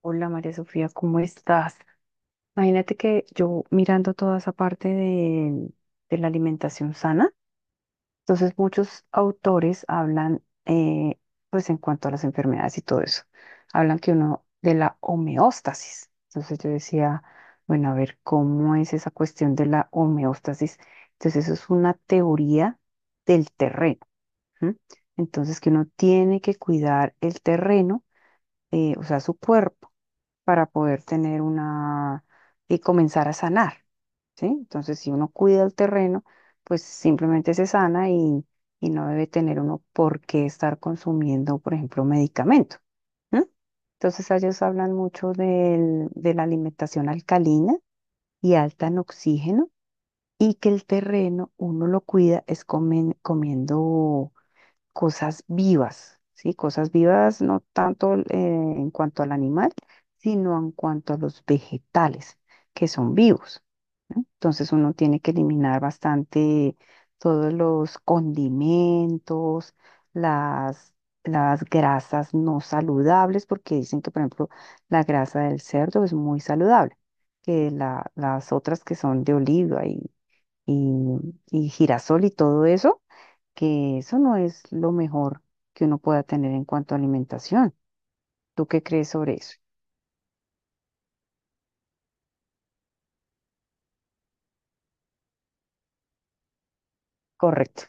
Hola María Sofía, ¿cómo estás? Imagínate que yo mirando toda esa parte de la alimentación sana, entonces muchos autores hablan, pues en cuanto a las enfermedades y todo eso, hablan que uno de la homeostasis. Entonces yo decía, bueno, a ver, ¿cómo es esa cuestión de la homeostasis? Entonces eso es una teoría del terreno, ¿m? Entonces que uno tiene que cuidar el terreno, o sea, su cuerpo para poder tener una y comenzar a sanar, ¿sí? Entonces, si uno cuida el terreno, pues simplemente se sana y no debe tener uno por qué estar consumiendo, por ejemplo, medicamento. ¿No? Entonces, ellos hablan mucho de la alimentación alcalina y alta en oxígeno y que el terreno uno lo cuida es comiendo cosas vivas, ¿sí? Cosas vivas no tanto en cuanto al animal, sino en cuanto a los vegetales, que son vivos. Entonces uno tiene que eliminar bastante todos los condimentos, las, las grasas no saludables, porque dicen que, por ejemplo, la grasa del cerdo es muy saludable, que las otras que son de oliva y y girasol y todo eso, que eso no es lo mejor que uno pueda tener en cuanto a alimentación. ¿Tú qué crees sobre eso? Correcto.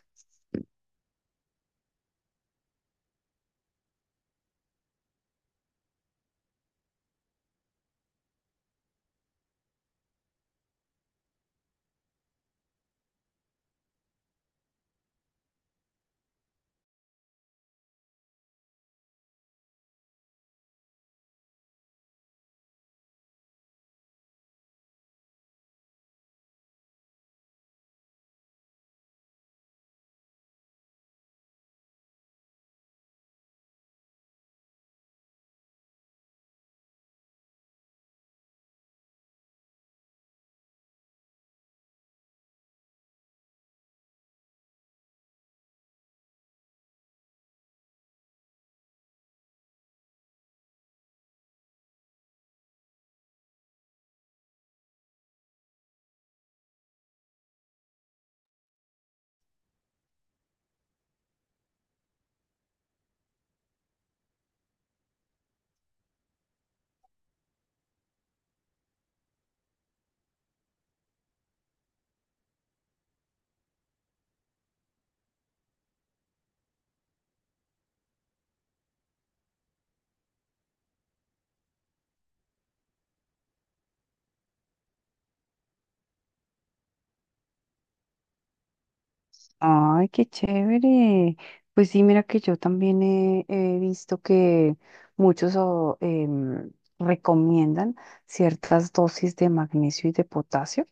Ay, qué chévere. Pues sí, mira que yo también he visto que muchos recomiendan ciertas dosis de magnesio y de potasio,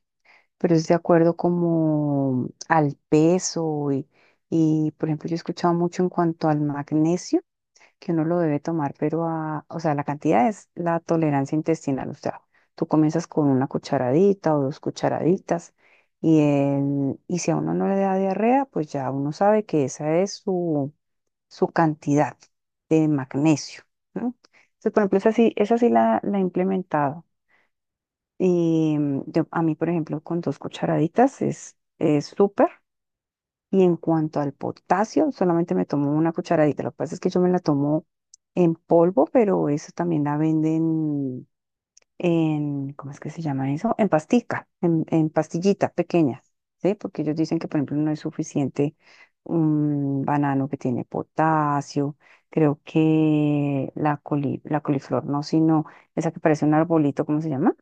pero es de acuerdo como al peso y, por ejemplo, yo he escuchado mucho en cuanto al magnesio, que uno lo debe tomar, pero o sea, la cantidad es la tolerancia intestinal, o sea, tú comienzas con una cucharadita o dos cucharaditas y si a uno no le da diarrea, pues ya uno sabe que esa es su cantidad de magnesio, ¿no? Entonces, por ejemplo, esa sí, la he implementado. Y a mí, por ejemplo, con dos cucharaditas es súper. Y en cuanto al potasio, solamente me tomo una cucharadita. Lo que pasa es que yo me la tomo en polvo, pero eso también la venden ¿cómo es que se llama eso? En pastica, en pastillitas pequeñas, ¿sí? Porque ellos dicen que, por ejemplo, no es suficiente un banano que tiene potasio. Creo que la coliflor, no, sino esa que parece un arbolito, ¿cómo se llama?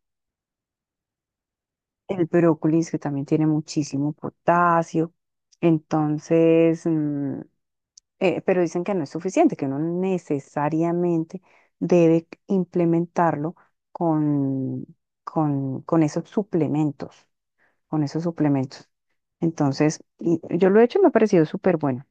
El brócoli es que también tiene muchísimo potasio, entonces, pero dicen que no es suficiente, que uno necesariamente debe implementarlo con, con esos suplementos, con esos suplementos. Entonces, yo lo he hecho y me ha parecido súper bueno.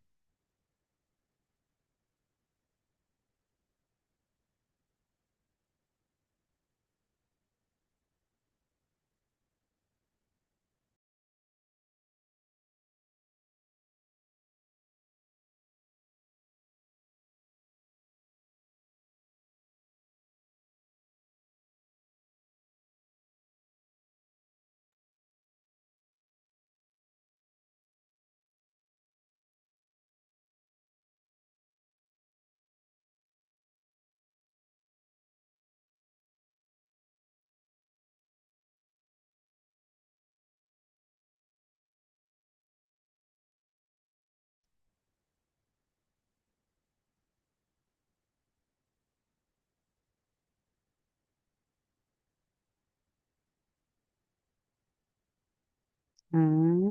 Mm.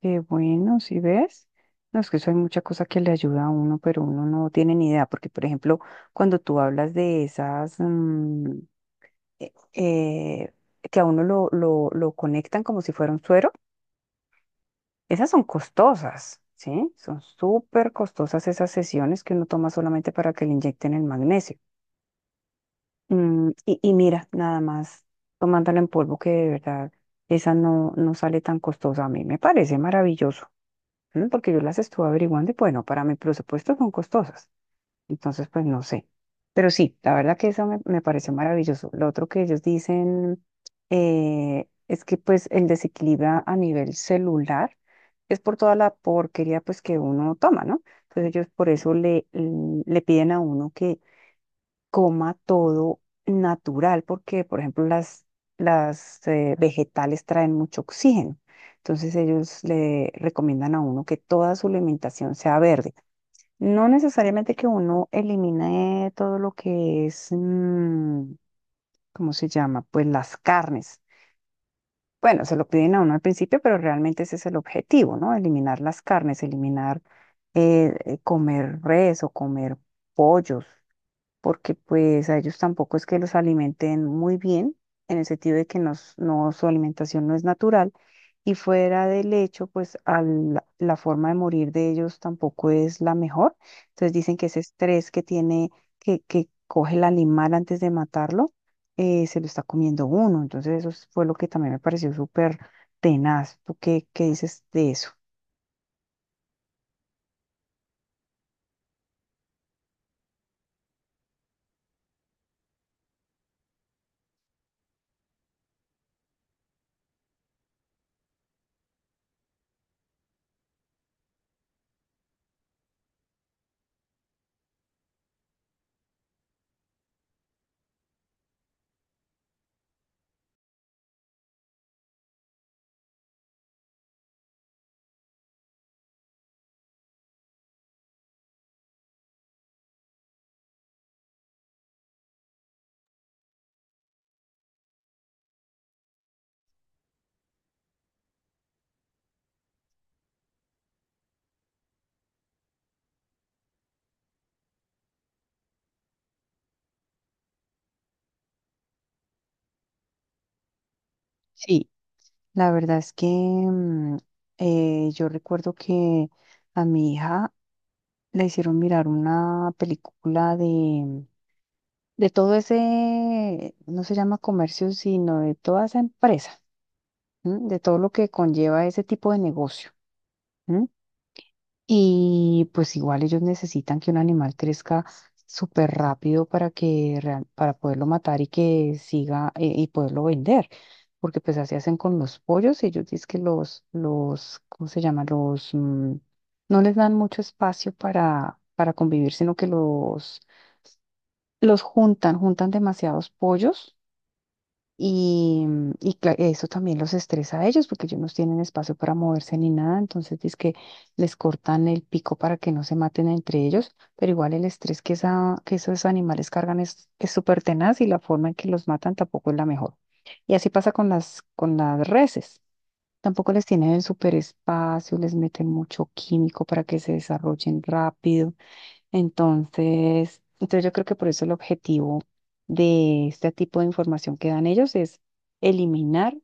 Qué bueno, ¿si ves? No, es que eso hay mucha cosa que le ayuda a uno, pero uno no tiene ni idea, porque por ejemplo, cuando tú hablas de esas, eh, eh, que a uno lo conectan como si fuera un suero, esas son costosas, ¿sí? Son súper costosas esas sesiones que uno toma solamente para que le inyecten el magnesio. Y mira, nada más tomándolo en polvo, que de verdad esa no sale tan costosa. A mí me parece maravilloso. Porque yo las estuve averiguando y bueno, para mi presupuesto son costosas. Entonces, pues no sé. Pero sí, la verdad que eso me pareció maravilloso. Lo otro que ellos dicen es que pues el desequilibrio a nivel celular es por toda la porquería pues que uno toma, ¿no? Entonces ellos por eso le piden a uno que coma todo natural, porque, por ejemplo, las vegetales traen mucho oxígeno. Entonces ellos le recomiendan a uno que toda su alimentación sea verde. No necesariamente que uno elimine todo lo que es, ¿cómo se llama? Pues las carnes. Bueno, se lo piden a uno al principio, pero realmente ese es el objetivo, ¿no? Eliminar las carnes, eliminar comer res o comer pollos, porque pues a ellos tampoco es que los alimenten muy bien, en el sentido de que no, su alimentación no es natural, y fuera del hecho, pues la forma de morir de ellos tampoco es la mejor. Entonces dicen que ese estrés que tiene, que coge el animal antes de matarlo, se lo está comiendo uno. Entonces eso fue lo que también me pareció súper tenaz. ¿Tú qué dices de eso? Sí, la verdad es que yo recuerdo que a mi hija le hicieron mirar una película de todo ese, no se llama comercio, sino de toda esa empresa, ¿m? De todo lo que conlleva ese tipo de negocio. ¿M? Y pues igual ellos necesitan que un animal crezca súper rápido para que para poderlo matar y que siga y poderlo vender. Porque pues así hacen con los pollos, ellos dicen que ¿cómo se llama? No les dan mucho espacio para convivir, sino que los juntan, juntan demasiados pollos y, eso también los estresa a ellos porque ellos no tienen espacio para moverse ni nada, entonces es que les cortan el pico para que no se maten entre ellos, pero igual el estrés que esos animales cargan es súper tenaz y la forma en que los matan tampoco es la mejor. Y así pasa con las reses. Tampoco les tienen el súper espacio, les meten mucho químico para que se desarrollen rápido. Entonces, yo creo que por eso el objetivo de este tipo de información que dan ellos es eliminar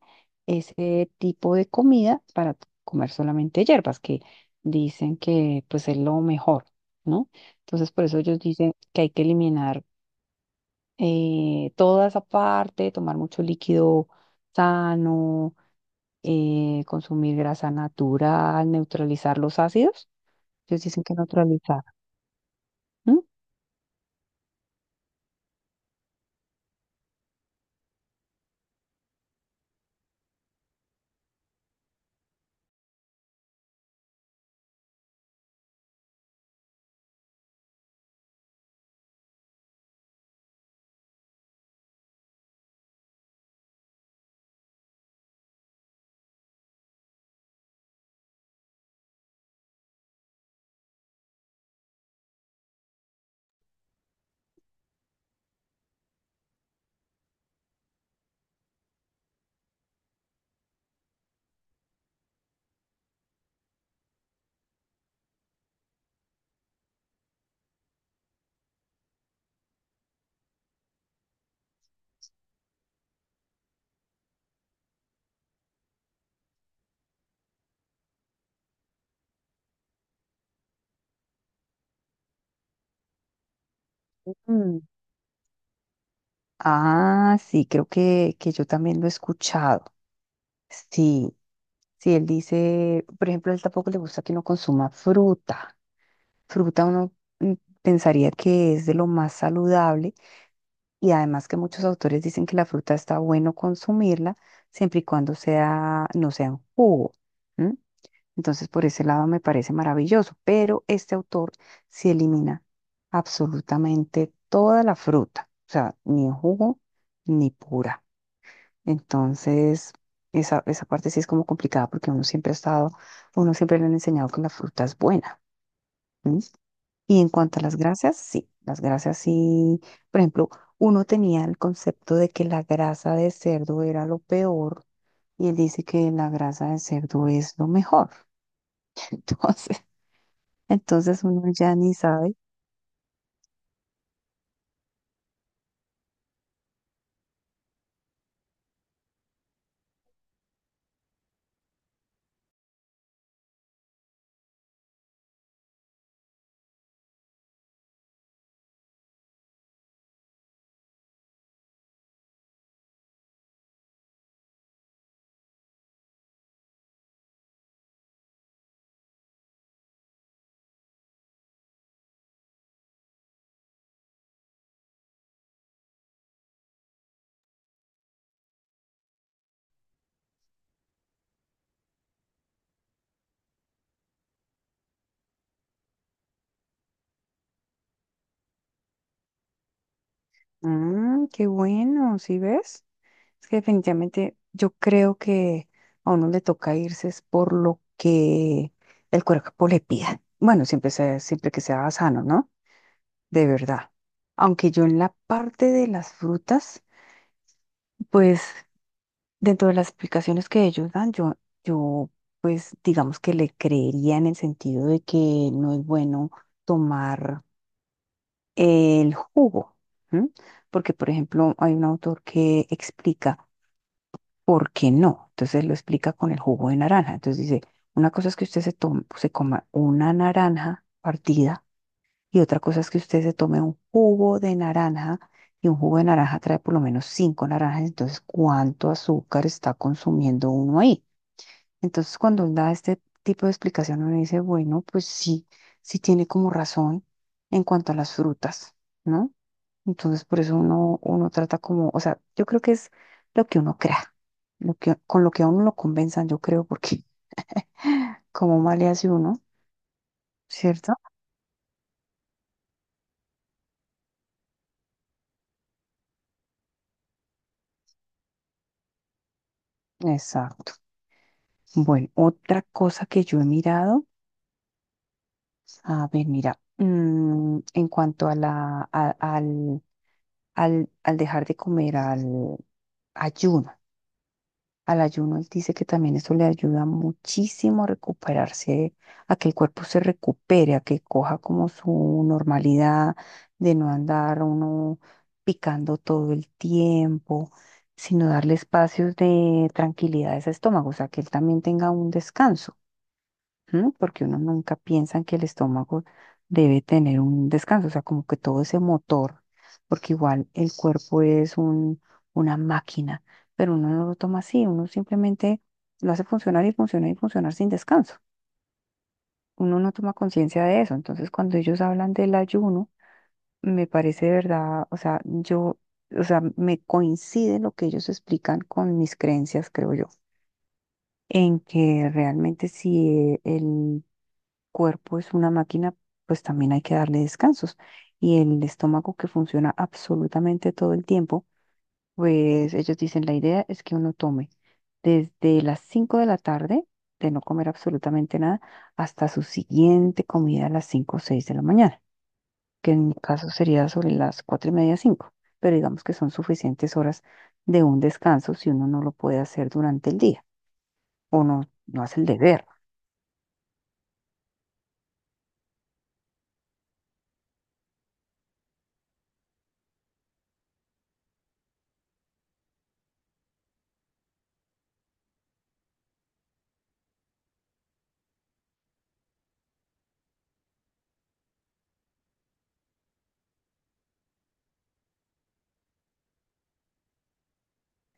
ese tipo de comida para comer solamente hierbas, que dicen que pues es lo mejor, ¿no? Entonces, por eso ellos dicen que hay que eliminar toda esa parte, tomar mucho líquido sano, consumir grasa natural, neutralizar los ácidos. Ellos dicen que neutralizar. ¿M? Ah, sí, creo que yo también lo he escuchado. Sí, sí, él dice, por ejemplo, a él tampoco le gusta que uno consuma fruta. Fruta uno mm, pensaría que es de lo más saludable y además que muchos autores dicen que la fruta está bueno consumirla siempre y cuando no sea en jugo. ¿M? Entonces, por ese lado me parece maravilloso, pero este autor sí elimina absolutamente toda la fruta, o sea, ni en jugo ni pura. Entonces, esa parte sí es como complicada porque uno siempre ha estado, uno siempre le han enseñado que la fruta es buena. ¿M? Y en cuanto a las grasas sí, por ejemplo, uno tenía el concepto de que la grasa de cerdo era lo peor y él dice que la grasa de cerdo es lo mejor. Entonces, Entonces, uno ya ni sabe. Ah, qué bueno, ¿sí ves? Es que definitivamente yo creo que a uno le toca irse es por lo que el cuerpo le pida. Bueno, siempre que sea sano, ¿no? De verdad. Aunque yo en la parte de las frutas, pues dentro de las explicaciones que ellos dan, yo pues digamos que le creería en el sentido de que no es bueno tomar el jugo, ¿m? Porque, por ejemplo, hay un autor que explica por qué no. Entonces lo explica con el jugo de naranja. Entonces dice, una cosa es que usted se coma una naranja partida y otra cosa es que usted se tome un jugo de naranja y un jugo de naranja trae por lo menos cinco naranjas. Entonces, ¿cuánto azúcar está consumiendo uno ahí? Entonces, cuando él da este tipo de explicación, uno dice, bueno, pues sí, sí tiene como razón en cuanto a las frutas, ¿no? Entonces, por eso uno trata como, o sea, yo creo que es lo que uno crea, con lo que a uno lo convenzan, yo creo, porque como mal le hace uno, ¿cierto? Exacto. Bueno, otra cosa que yo he mirado, a ver, mira, en cuanto a la, a- al, al, al dejar de comer, al ayuno. Al ayuno, él dice que también eso le ayuda muchísimo a recuperarse, a que el cuerpo se recupere, a que coja como su normalidad de no andar uno picando todo el tiempo, sino darle espacios de tranquilidad a ese estómago, o sea, que él también tenga un descanso. ¿M? Porque uno nunca piensa en que el estómago debe tener un descanso, o sea, como que todo ese motor, porque igual el cuerpo es una máquina, pero uno no lo toma así, uno simplemente lo hace funcionar y funcionar y funcionar sin descanso. Uno no toma conciencia de eso, entonces cuando ellos hablan del ayuno, me parece de verdad, o sea, me coincide lo que ellos explican con mis creencias, creo yo, en que realmente si el cuerpo es una máquina, pues también hay que darle descansos. Y el estómago que funciona absolutamente todo el tiempo, pues ellos dicen, la idea es que uno tome desde las 5 de la tarde, de no comer absolutamente nada, hasta su siguiente comida a las 5 o 6 de la mañana, que en mi caso sería sobre las 4 y media, 5, pero digamos que son suficientes horas de un descanso si uno no lo puede hacer durante el día o no, no hace el deber.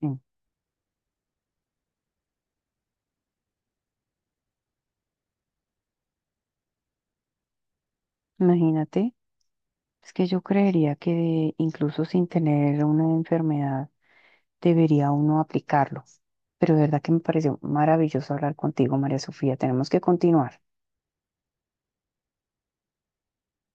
Sí, imagínate, es que yo creería que incluso sin tener una enfermedad debería uno aplicarlo. Pero de verdad que me pareció maravilloso hablar contigo, María Sofía. Tenemos que continuar.